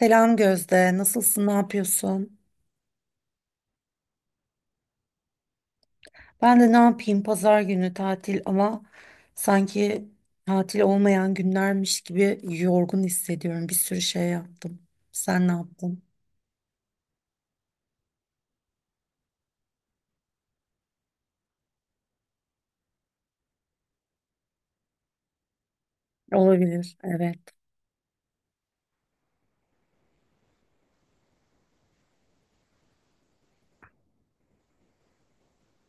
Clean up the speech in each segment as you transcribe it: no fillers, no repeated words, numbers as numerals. Selam Gözde, nasılsın, ne yapıyorsun? Ben de ne yapayım, pazar günü tatil ama sanki tatil olmayan günlermiş gibi yorgun hissediyorum. Bir sürü şey yaptım. Sen ne yaptın? Olabilir, evet.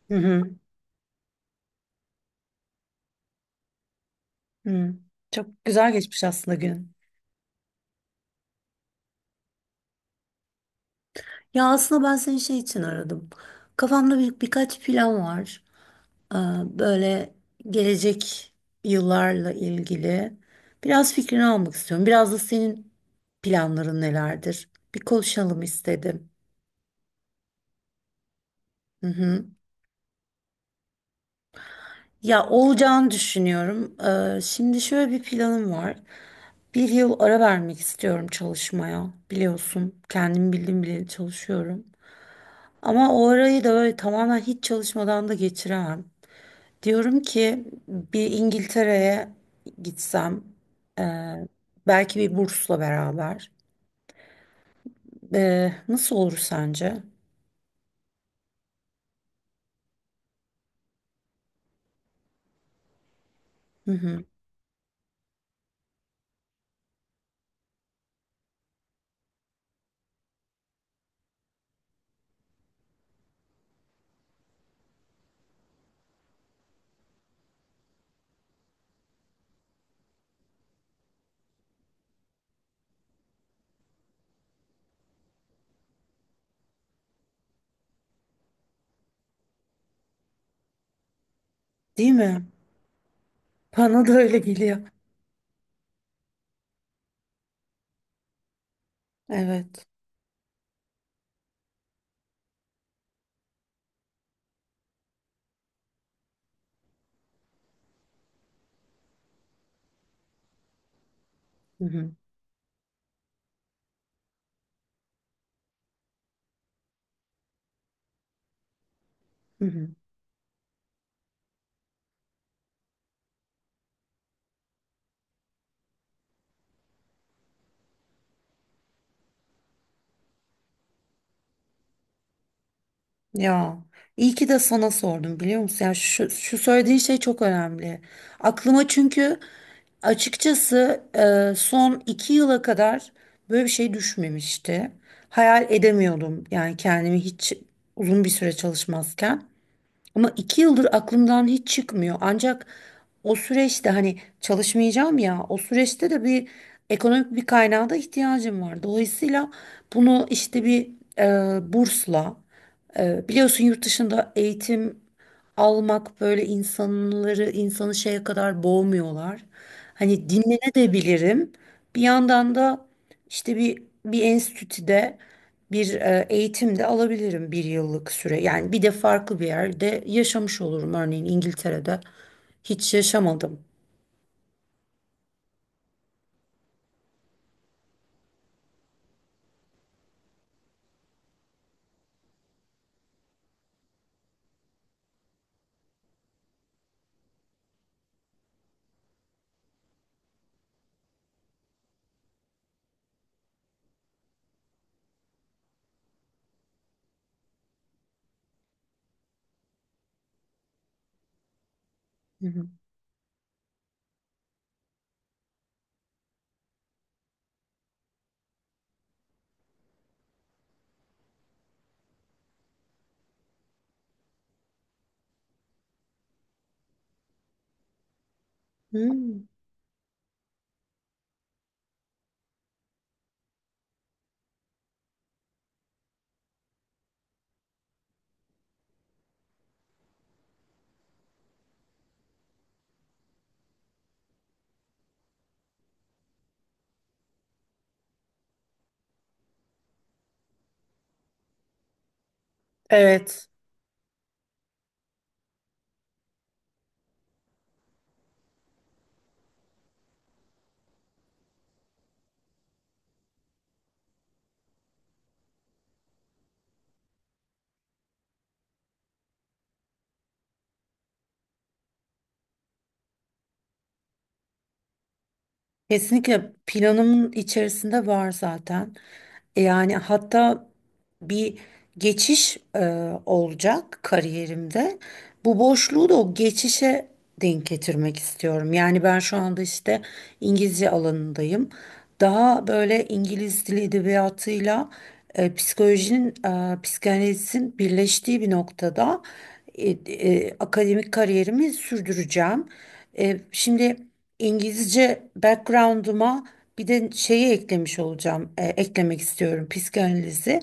Hı hı. Hı. Çok güzel geçmiş aslında gün. Ya aslında ben seni şey için aradım. Kafamda birkaç plan var. Böyle gelecek yıllarla ilgili biraz fikrini almak istiyorum. Biraz da senin planların nelerdir? Bir konuşalım istedim. Hı hı. Ya olacağını düşünüyorum. Şimdi şöyle bir planım var. Bir yıl ara vermek istiyorum çalışmaya. Biliyorsun, kendim bildim bileli çalışıyorum. Ama o arayı da böyle tamamen hiç çalışmadan da geçiremem. Diyorum ki bir İngiltere'ye gitsem, e, belki bir bursla beraber. Nasıl olur sence? Değil mi? Bana da öyle geliyor. Evet. Hı hı, hı hı. Ya iyi ki de sana sordum biliyor musun? Yani şu söylediğin şey çok önemli. Aklıma çünkü açıkçası son 2 yıla kadar böyle bir şey düşmemişti. Hayal edemiyordum yani kendimi hiç uzun bir süre çalışmazken. Ama 2 yıldır aklımdan hiç çıkmıyor. Ancak o süreçte hani çalışmayacağım ya, o süreçte de bir ekonomik bir kaynağa da ihtiyacım var. Dolayısıyla bunu işte bir bursla, biliyorsun yurt dışında eğitim almak böyle insanı şeye kadar boğmuyorlar. Hani dinlenebilirim. Bir yandan da işte bir enstitüde bir eğitim de alabilirim bir yıllık süre. Yani bir de farklı bir yerde yaşamış olurum. Örneğin İngiltere'de hiç yaşamadım. Hı hı. Hmm. Evet. Kesinlikle planımın içerisinde var zaten. Yani hatta bir geçiş olacak kariyerimde. Bu boşluğu da o geçişe denk getirmek istiyorum. Yani ben şu anda işte İngilizce alanındayım. Daha böyle İngiliz dili edebiyatıyla, psikolojinin, psikanalizin birleştiği bir noktada akademik kariyerimi sürdüreceğim. Şimdi. İngilizce background'uma bir de şeyi eklemiş olacağım, eklemek istiyorum psikanalizi.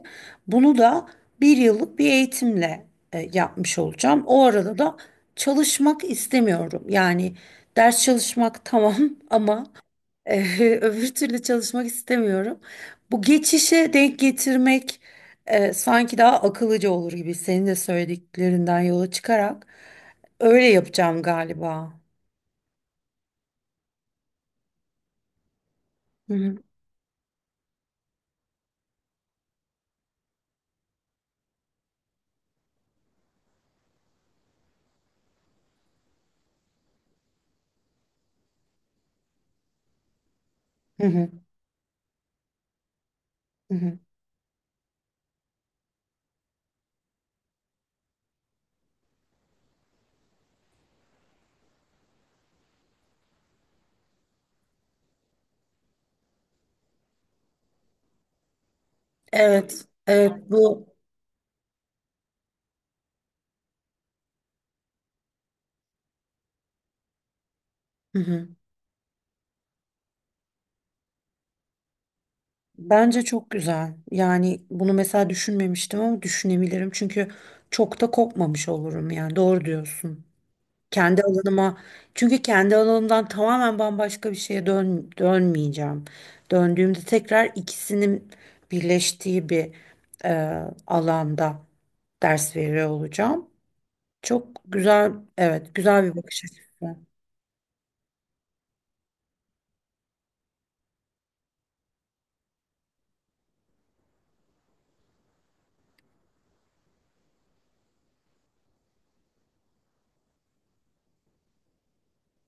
Bunu da bir yıllık bir eğitimle yapmış olacağım. O arada da çalışmak istemiyorum. Yani ders çalışmak tamam, ama e, öbür türlü çalışmak istemiyorum. Bu geçişe denk getirmek sanki daha akıllıca olur gibi, senin de söylediklerinden yola çıkarak öyle yapacağım galiba. Hı hı. Hı hı. Hı hı. Evet, evet bu. Hı hı. Bence çok güzel. Yani bunu mesela düşünmemiştim ama düşünebilirim. Çünkü çok da kopmamış olurum yani. Doğru diyorsun. Kendi alanıma, çünkü kendi alanımdan tamamen bambaşka bir şeye dönmeyeceğim. Döndüğümde tekrar ikisinin birleştiği bir e, alanda ders veriyor olacağım. Çok güzel, evet, güzel bir bakış açısı.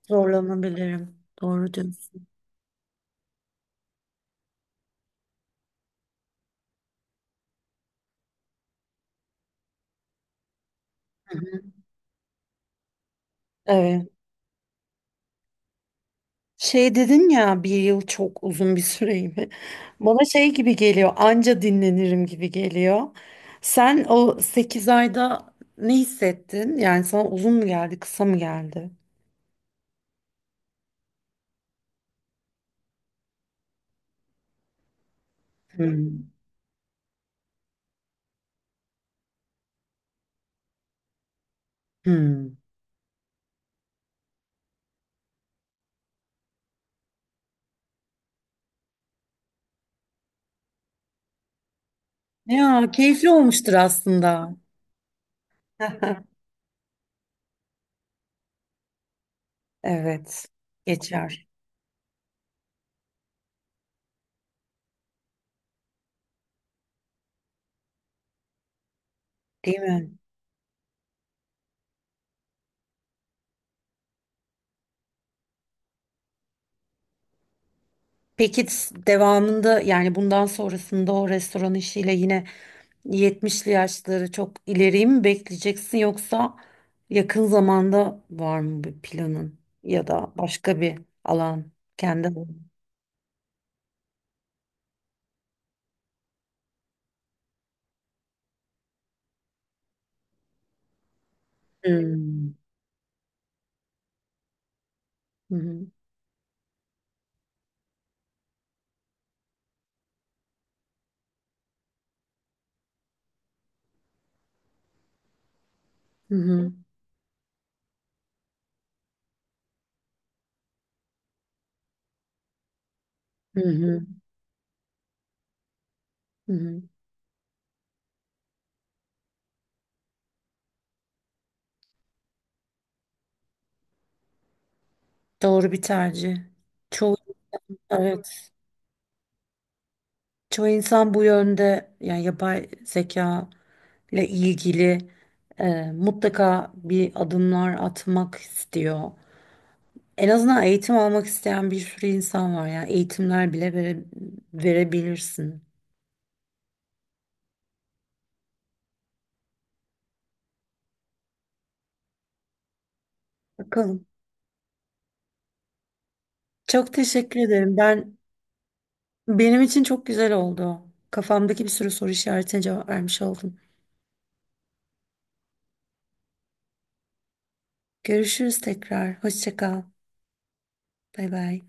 Zorlanabilirim. Doğru diyorsun. Hı hı. Evet. Şey dedin ya, bir yıl çok uzun bir süreyim. Bana şey gibi geliyor, anca dinlenirim gibi geliyor. Sen o 8 ayda ne hissettin? Yani sana uzun mu geldi, kısa mı geldi? Hmm. Hmm. Ya keyifli olmuştur aslında. Evet, geçer değil mi? Peki devamında, yani bundan sonrasında o restoran işiyle yine 70'li yaşları çok ileriyi mi bekleyeceksin, yoksa yakın zamanda var mı bir planın ya da başka bir alan, kendi alanın? Hmm. Hı hı. Hı hı. Hı hı. Hı hı. Doğru bir tercih. Çoğu, evet. Çoğu insan bu yönde, yani yapay zeka ile ilgili mutlaka bir adımlar atmak istiyor. En azından eğitim almak isteyen bir sürü insan var, yani eğitimler bile verebilirsin. Bakalım. Çok teşekkür ederim. Benim için çok güzel oldu. Kafamdaki bir sürü soru işaretine cevap vermiş oldum. Görüşürüz tekrar. Hoşça kal. Bay bay.